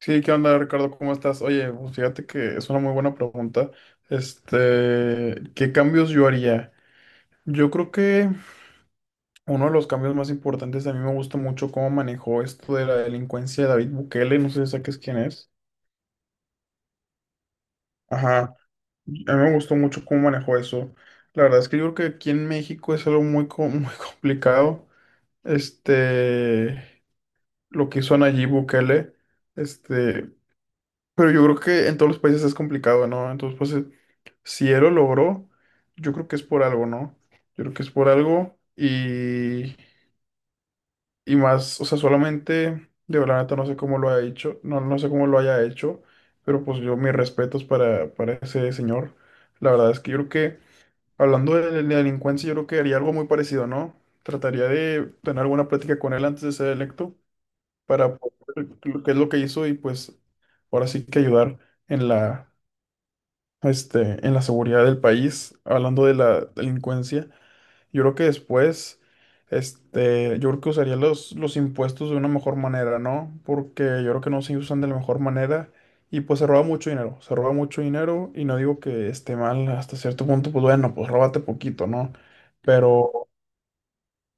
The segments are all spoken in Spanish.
Sí, ¿qué onda, Ricardo? ¿Cómo estás? Oye, pues fíjate que es una muy buena pregunta. ¿Qué cambios yo haría? Yo creo que uno de los cambios más importantes, a mí me gusta mucho cómo manejó esto de la delincuencia de David Bukele, no sé si saques quién es. Ajá, a mí me gustó mucho cómo manejó eso. La verdad es que yo creo que aquí en México es algo muy, muy complicado. Este, lo que hizo Nayib Bukele, este, pero yo creo que en todos los países es complicado, ¿no? Entonces, pues, si él lo logró, yo creo que es por algo, ¿no? Yo creo que es por algo y más, o sea, solamente, de verdad, neta, no sé cómo lo haya hecho, no, no sé cómo lo haya hecho, pero pues yo mis respetos para ese señor. La verdad es que yo creo que, hablando de delincuencia, yo creo que haría algo muy parecido, ¿no? Trataría de tener alguna plática con él antes de ser electo para poder ver lo que es lo que hizo y pues ahora sí que ayudar en la en la seguridad del país, hablando de la delincuencia, yo creo que después, yo creo que usaría los impuestos de una mejor manera, ¿no? Porque yo creo que no se usan de la mejor manera y pues se roba mucho dinero, se roba mucho dinero y no digo que esté mal hasta cierto punto, pues bueno, pues róbate poquito, ¿no? Pero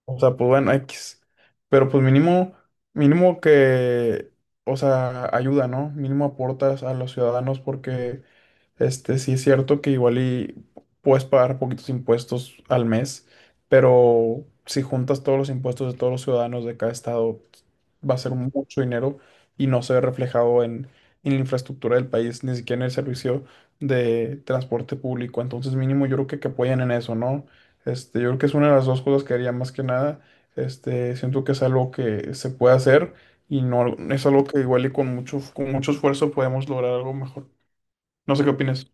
o sea, pues bueno, X. Pero pues mínimo, mínimo que, o sea, ayuda, ¿no? Mínimo aportas a los ciudadanos porque, sí es cierto que igual y puedes pagar poquitos impuestos al mes, pero si juntas todos los impuestos de todos los ciudadanos de cada estado, va a ser mucho dinero y no se ve reflejado en la infraestructura del país, ni siquiera en el servicio de transporte público. Entonces mínimo yo creo que apoyen en eso, ¿no? Yo creo que es una de las dos cosas que haría más que nada. Siento que es algo que se puede hacer y no algo- es algo que igual y con mucho esfuerzo podemos lograr algo mejor. No sé qué opinas.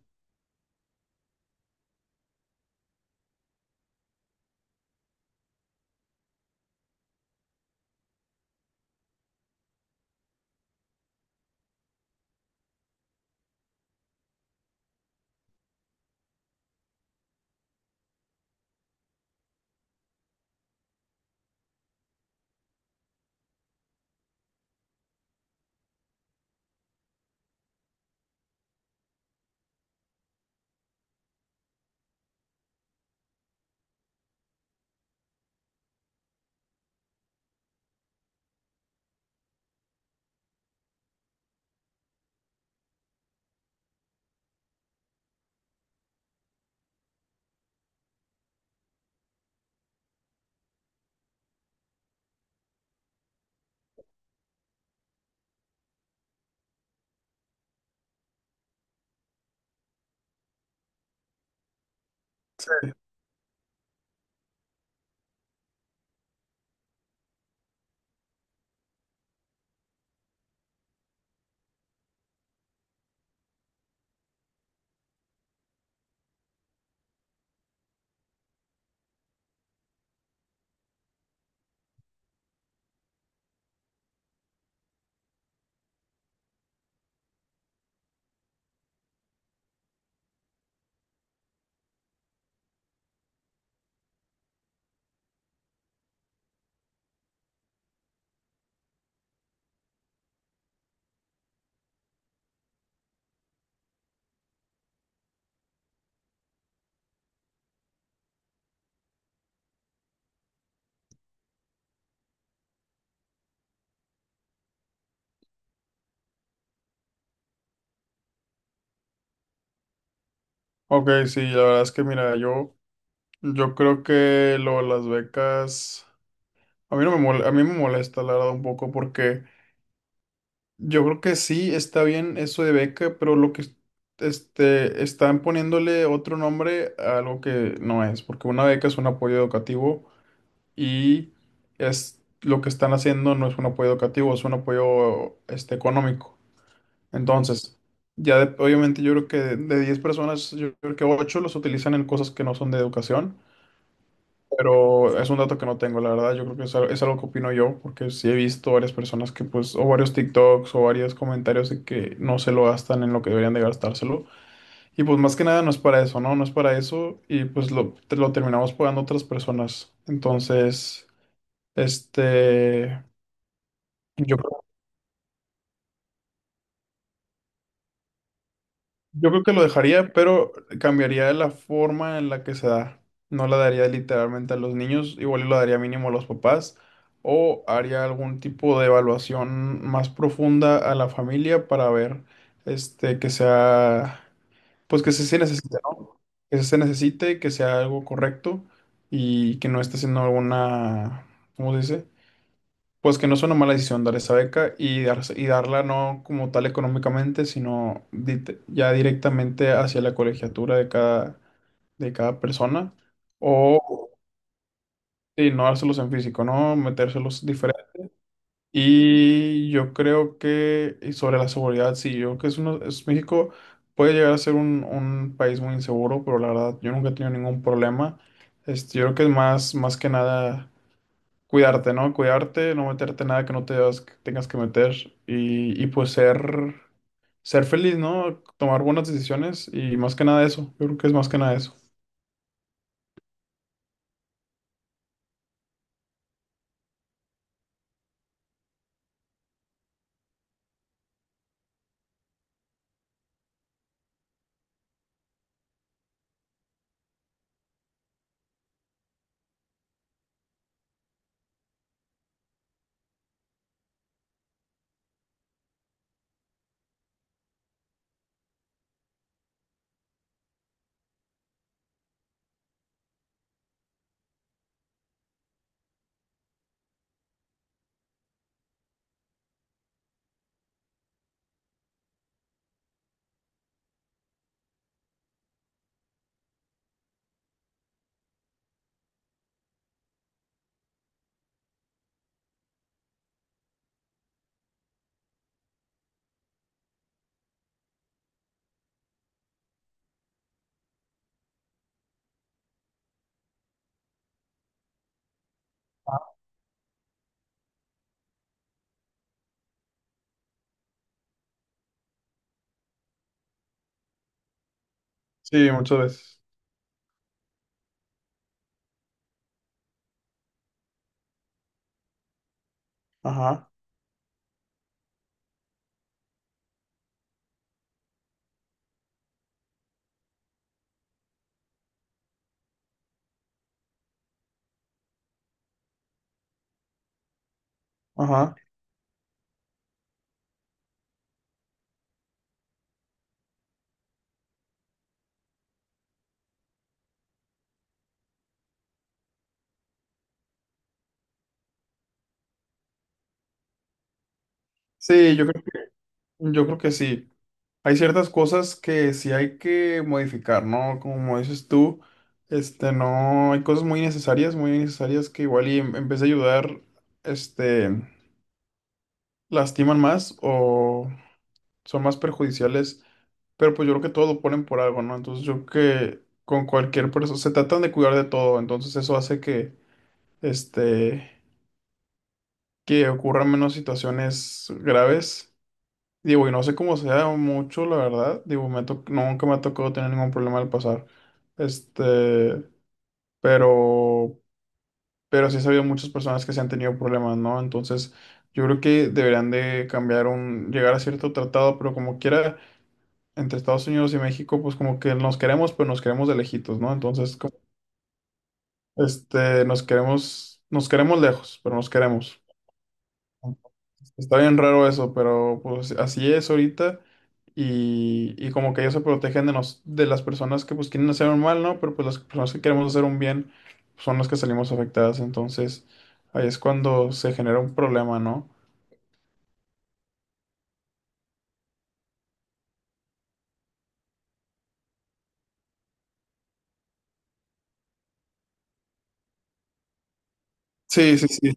Sí. Ok, sí, la verdad es que mira, yo creo que lo de las becas, a mí no me mol- a mí me molesta la verdad un poco porque yo creo que sí está bien eso de beca, pero lo que están poniéndole otro nombre a algo que no es, porque una beca es un apoyo educativo y es lo que están haciendo no es un apoyo educativo, es un apoyo económico. Entonces, obviamente yo creo que de, 10 personas, yo creo que 8 los utilizan en cosas que no son de educación, pero es un dato que no tengo, la verdad, yo creo que es algo que opino yo, porque sí he visto varias personas que pues, o varios TikToks o varios comentarios de que no se lo gastan en lo que deberían de gastárselo. Y pues más que nada no es para eso, ¿no? No es para eso y pues lo terminamos pagando otras personas. Entonces... Este, yo, yo creo que lo dejaría, pero cambiaría la forma en la que se da. No la daría literalmente a los niños, igual y lo daría mínimo a los papás, o haría algún tipo de evaluación más profunda a la familia para ver, que sea, pues que se necesite, ¿no? Que se necesite, que sea algo correcto y que no esté haciendo alguna, ¿cómo se dice? Pues que no es una mala decisión dar esa beca y, y darla no como tal económicamente, sino ya directamente hacia la colegiatura de cada persona. O y no dárselos en físico, ¿no? Metérselos diferente. Y yo creo que, y sobre la seguridad, sí, yo creo que es, México puede llegar a ser un país muy inseguro, pero la verdad, yo nunca he tenido ningún problema. Yo creo que es más, más que nada cuidarte, ¿no? Cuidarte, no meterte en nada que no te das- que tengas que meter y, pues ser, ser feliz, ¿no? Tomar buenas decisiones y más que nada eso. Yo creo que es más que nada eso. Sí, muchas veces. Ajá, ajá. Sí, yo creo que sí. Hay ciertas cosas que sí hay que modificar, ¿no? Como dices tú, no, hay cosas muy necesarias que igual y en vez de ayudar, este, lastiman más o son más perjudiciales, pero pues yo creo que todo lo ponen por algo, ¿no? Entonces yo creo que con cualquier persona, se tratan de cuidar de todo, entonces eso hace que, este, que ocurran menos situaciones graves. Digo, y no sé cómo sea mucho, la verdad, digo, nunca me ha tocado tener ningún problema al pasar, este, pero, pero sí he sabido muchas personas que se han tenido problemas, ¿no? Entonces yo creo que deberían de cambiar un, llegar a cierto tratado, pero como quiera entre Estados Unidos y México, pues como que nos queremos, pero nos queremos de lejitos, ¿no? Entonces, como, nos queremos lejos, pero nos queremos. Está bien raro eso, pero pues así es ahorita. Y como que ellos se protegen de las personas que pues quieren hacer un mal, ¿no? Pero pues las personas que queremos hacer un bien pues, son las que salimos afectadas. Entonces, ahí es cuando se genera un problema, ¿no? Sí, sí, sí.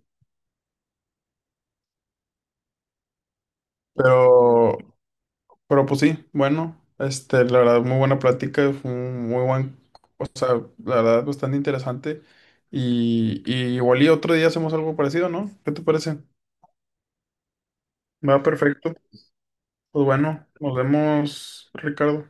Pero, pero pues sí, bueno, la verdad, muy buena plática, fue un muy buen... O sea, la verdad, bastante interesante. Y igual y otro día hacemos algo parecido, ¿no? ¿Qué te parece? Va perfecto. Pues bueno, nos vemos, Ricardo.